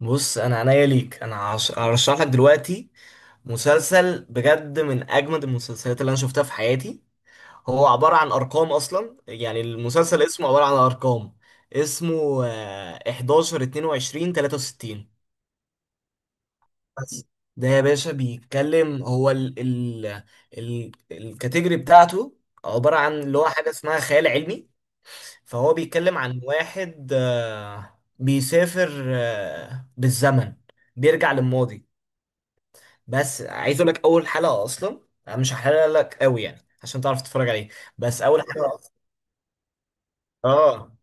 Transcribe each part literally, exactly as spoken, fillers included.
بص، انا عنيا ليك. انا هش- هرشح لك دلوقتي مسلسل بجد من اجمد المسلسلات اللي انا شفتها في حياتي. هو عبارة عن ارقام اصلا، يعني المسلسل اسمه عبارة عن ارقام. اسمه آه، احد عشر اثنين وعشرين ثلاثة وستين. بس ده يا باشا بيتكلم، هو ال ال ال الكاتيجوري بتاعته عبارة عن اللي هو حاجة اسمها خيال علمي. فهو بيتكلم عن واحد آه، بيسافر آه، بالزمن، بيرجع للماضي. بس عايز اقول لك، اول حلقه اصلا انا مش هحرق لك قوي يعني عشان تعرف تتفرج عليه. بس اول حلقه أصلاً- اه،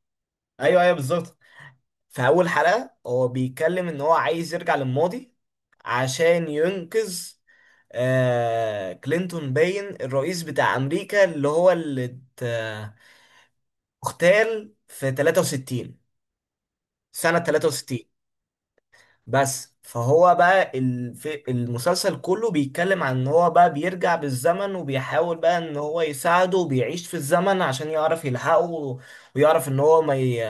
ايوه ايوه بالظبط. في اول حلقه هو بيتكلم ان هو عايز يرجع للماضي عشان ينقذ آه كلينتون، باين الرئيس بتاع امريكا، اللي هو اللي ات- آه، اغتال في ثلاثة وستين، سنه ثلاثة وستين. بس فهو بقى الف... المسلسل كله بيتكلم عن ان هو بقى بيرجع بالزمن وبيحاول بقى ان هو يساعده وبيعيش في الزمن عشان يعرف يلحقه و- ويعرف ان هو ما ي...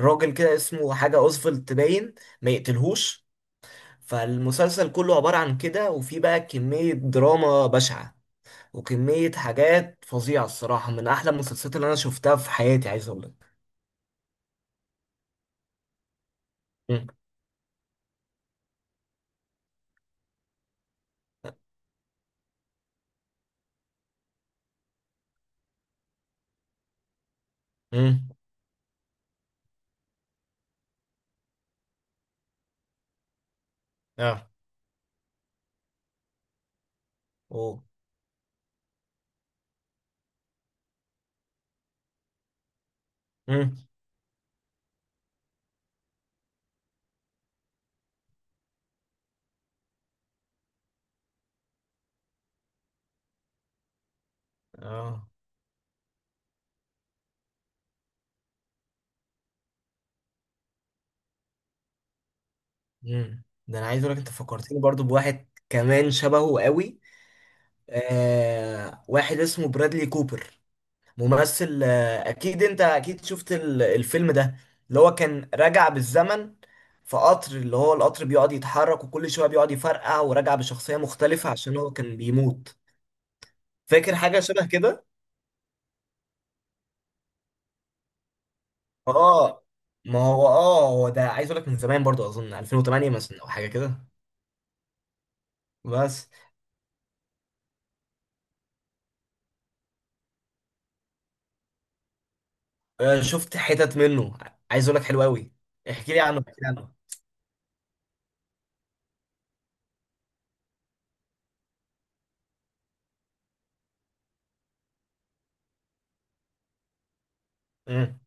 راجل كده اسمه حاجة اوزفلد تباين، ما يقتلهوش. فالمسلسل كله عبارة عن كده، وفي بقى كمية دراما بشعة وكمية حاجات فظيعة الصراحة. من أحلى المسلسلات اللي أنا شفتها في حياتي، عايز أقول لك. مم. مم. آه. أوه. مم. آه. مم. ده انا عايز اقول لك، انت فكرتني برضو بواحد كمان شبهه قوي. آه، واحد اسمه برادلي كوبر، ممثل. آه اكيد انت اكيد شفت ال- الفيلم ده، اللي هو كان راجع بالزمن في قطر، اللي هو القطر بيقعد يتحرك وكل شويه بيقعد يفرقع وراجع بشخصيه مختلفه عشان هو كان بيموت. فاكر حاجه شبه كده؟ اه. ما هو اه، هو ده عايز اقول لك من زمان برضو، اظن الفين وتمانية مثلا او حاجه كده. بس. آه، شفت حتت منه. عايز اقول لك، حلو قوي. احكي لي عنه، احكي لي عنه. امم.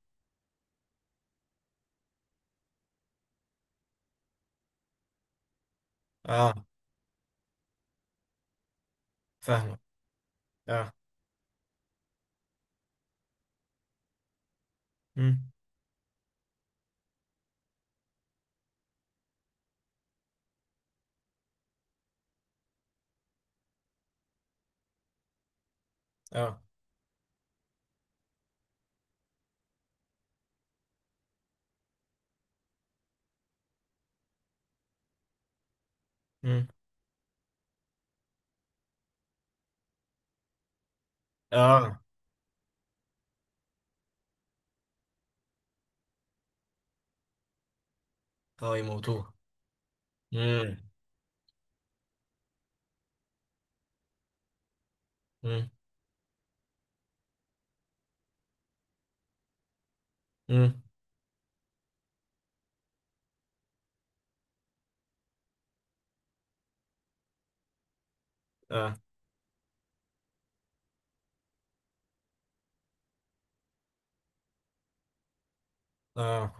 اه. فاهمك. اه. امم. اه. امم. اه. اه يموتوه. امم. امم. امم. اه. اه.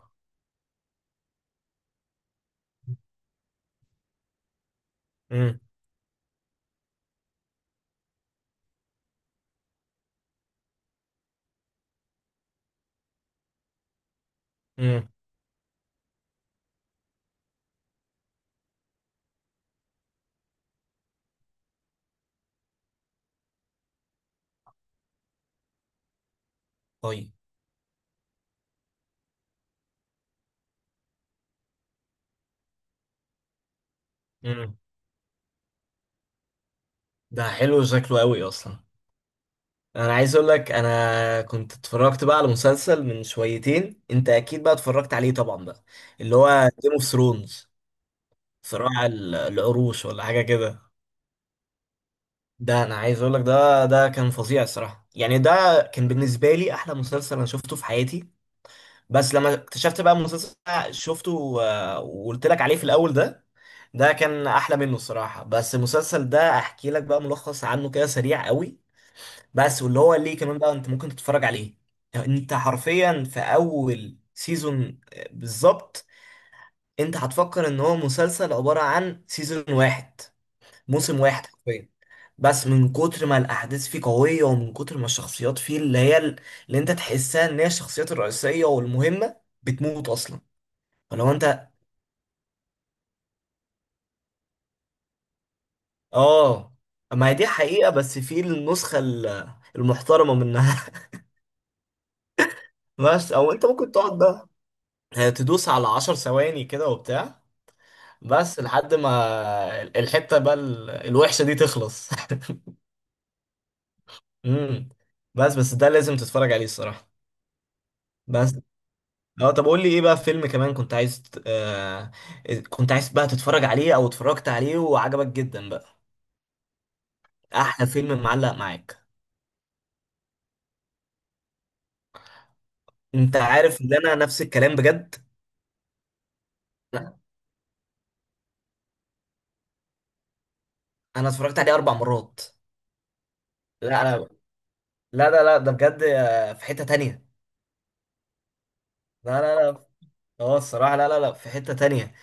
امم. امم. طيب. امم. ده حلو شكله قوي اصلا. انا عايز اقول لك، انا كنت اتفرجت بقى على مسلسل من شويتين، انت اكيد بقى اتفرجت عليه طبعا بقى، اللي هو جيم اوف ثرونز، صراع ال- العروش ولا حاجه كده. ده انا عايز اقول لك، ده ده كان فظيع الصراحه. يعني ده كان بالنسبه لي احلى مسلسل انا شفته في حياتي. بس لما اكتشفت بقى المسلسل اللي أنا شفته و- وقلت لك عليه في الاول ده، ده كان احلى منه الصراحه. بس المسلسل ده احكي لك بقى ملخص عنه كده سريع قوي. بس، واللي هو ليه كمان بقى انت ممكن تتفرج عليه. انت حرفيا في اول سيزون، بالظبط، انت هتفكر ان هو مسلسل عباره عن سيزون واحد، موسم واحد حرفيا. بس من كتر ما الاحداث فيه قويه، ومن كتر ما الشخصيات فيه اللي هي ال- اللي انت تحسها ان هي الشخصيات الرئيسيه والمهمه بتموت اصلا. فلو انت، اه. ما هي دي حقيقه، بس في النسخه ال- المحترمه منها. بس او انت ممكن تقعد بقى تدوس على عشر ثواني كده وبتاع، بس لحد ما الحته بقى ال- الوحشه دي تخلص. امم. بس بس ده لازم تتفرج عليه الصراحه. بس اه، طب قول لي ايه بقى، فيلم كمان كنت عايز ت- آه كنت عايز بقى تتفرج عليه، او اتفرجت عليه وعجبك جدا بقى. احلى فيلم معلق معاك. انت عارف ان انا نفس الكلام بجد. لا، انا اتفرجت عليه اربع مرات. لا انا، لا لا لا ده بجد آه، في حتة تانية. لا لا لا. اه الصراحة، لا لا لا، في حتة تانية.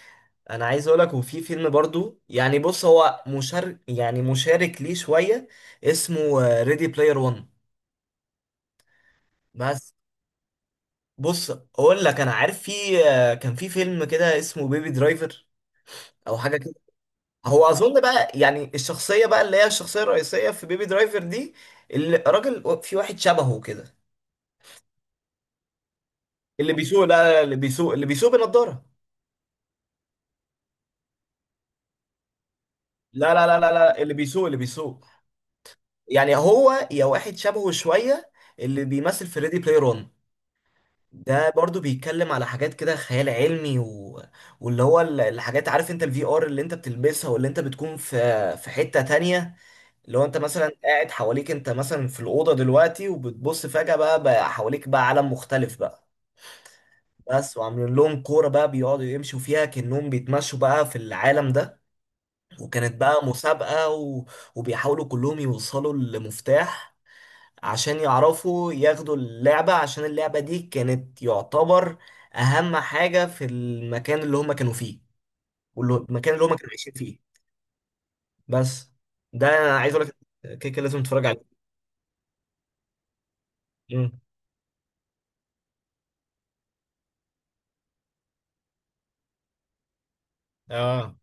انا عايز اقولك، وفي فيلم برضو يعني، بص هو مشارك، يعني مشارك ليه شوية. اسمه ريدي بلاير واحد. بص اقول لك انا عارف، في كان في فيلم كده اسمه بيبي درايفر او حاجه كده. هو اظن بقى يعني الشخصيه بقى، اللي هي الشخصيه الرئيسيه في بيبي درايفر دي، الراجل في واحد شبهه كده. اللي بيسوق لا لا لا، اللي بيسوق، اللي بيسوق بنضاره. لا لا لا لا لا، اللي بيسوق، اللي بيسوق. يعني هو يا واحد شبهه شويه اللي بيمثل في ريدي بلاي رون. ده برضو بيتكلم على حاجات كده خيال علمي و... واللي هو ال- الحاجات عارف، انت الفي ار اللي انت بتلبسها واللي انت بتكون في في حتة تانية. لو انت مثلا قاعد حواليك، انت مثلا في الاوضه دلوقتي وبتبص فجاه بقى, بقى حواليك بقى عالم مختلف بقى. بس وعاملين لهم كوره بقى بيقعدوا يمشوا فيها كانهم بيتمشوا بقى في العالم ده. وكانت بقى مسابقه و... وبيحاولوا كلهم يوصلوا لمفتاح عشان يعرفوا ياخدوا اللعبه، عشان اللعبه دي كانت يعتبر اهم حاجه في المكان اللي هم كانوا فيه والمكان اللي هم كانوا عايشين فيه. بس، ده انا عايز اقول لك، كده كده لازم تتفرج عليه. مم. اه.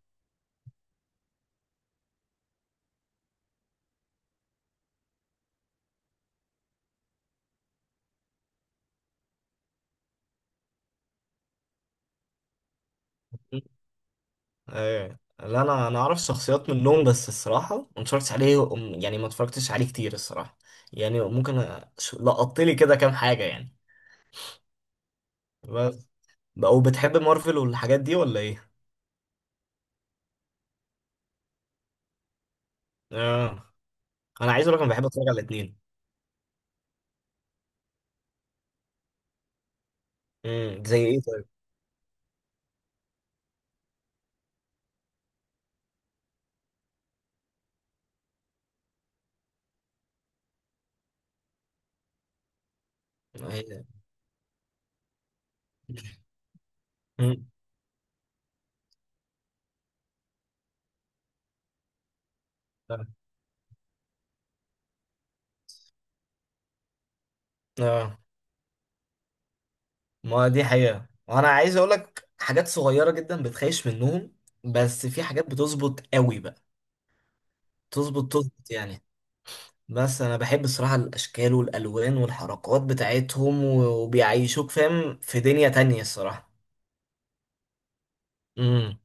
ايه، لا انا، انا اعرف شخصيات منهم بس الصراحه ما اتفرجتش عليه. يعني ما اتفرجتش عليه كتير الصراحه. يعني ممكن أ- ش- لقطت لي كده كام حاجه يعني. بس. بقى، وبتحب مارفل والحاجات دي ولا ايه؟ اه، انا عايز اقول لك انا بحب اتفرج على الاثنين. امم، زي ايه طيب؟ إيه؟ مم. اه، ما دي حقيقه. وانا عايز اقول لك حاجات صغيره جدا بتخيش منهم، بس في حاجات بتظبط قوي بقى، تظبط تظبط يعني. بس انا بحب الصراحه الاشكال والالوان والحركات بتاعتهم و- وبيعيشوك فاهم في دنيا تانية الصراحه. امم.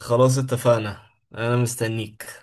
خلاص اتفقنا، انا مستنيك.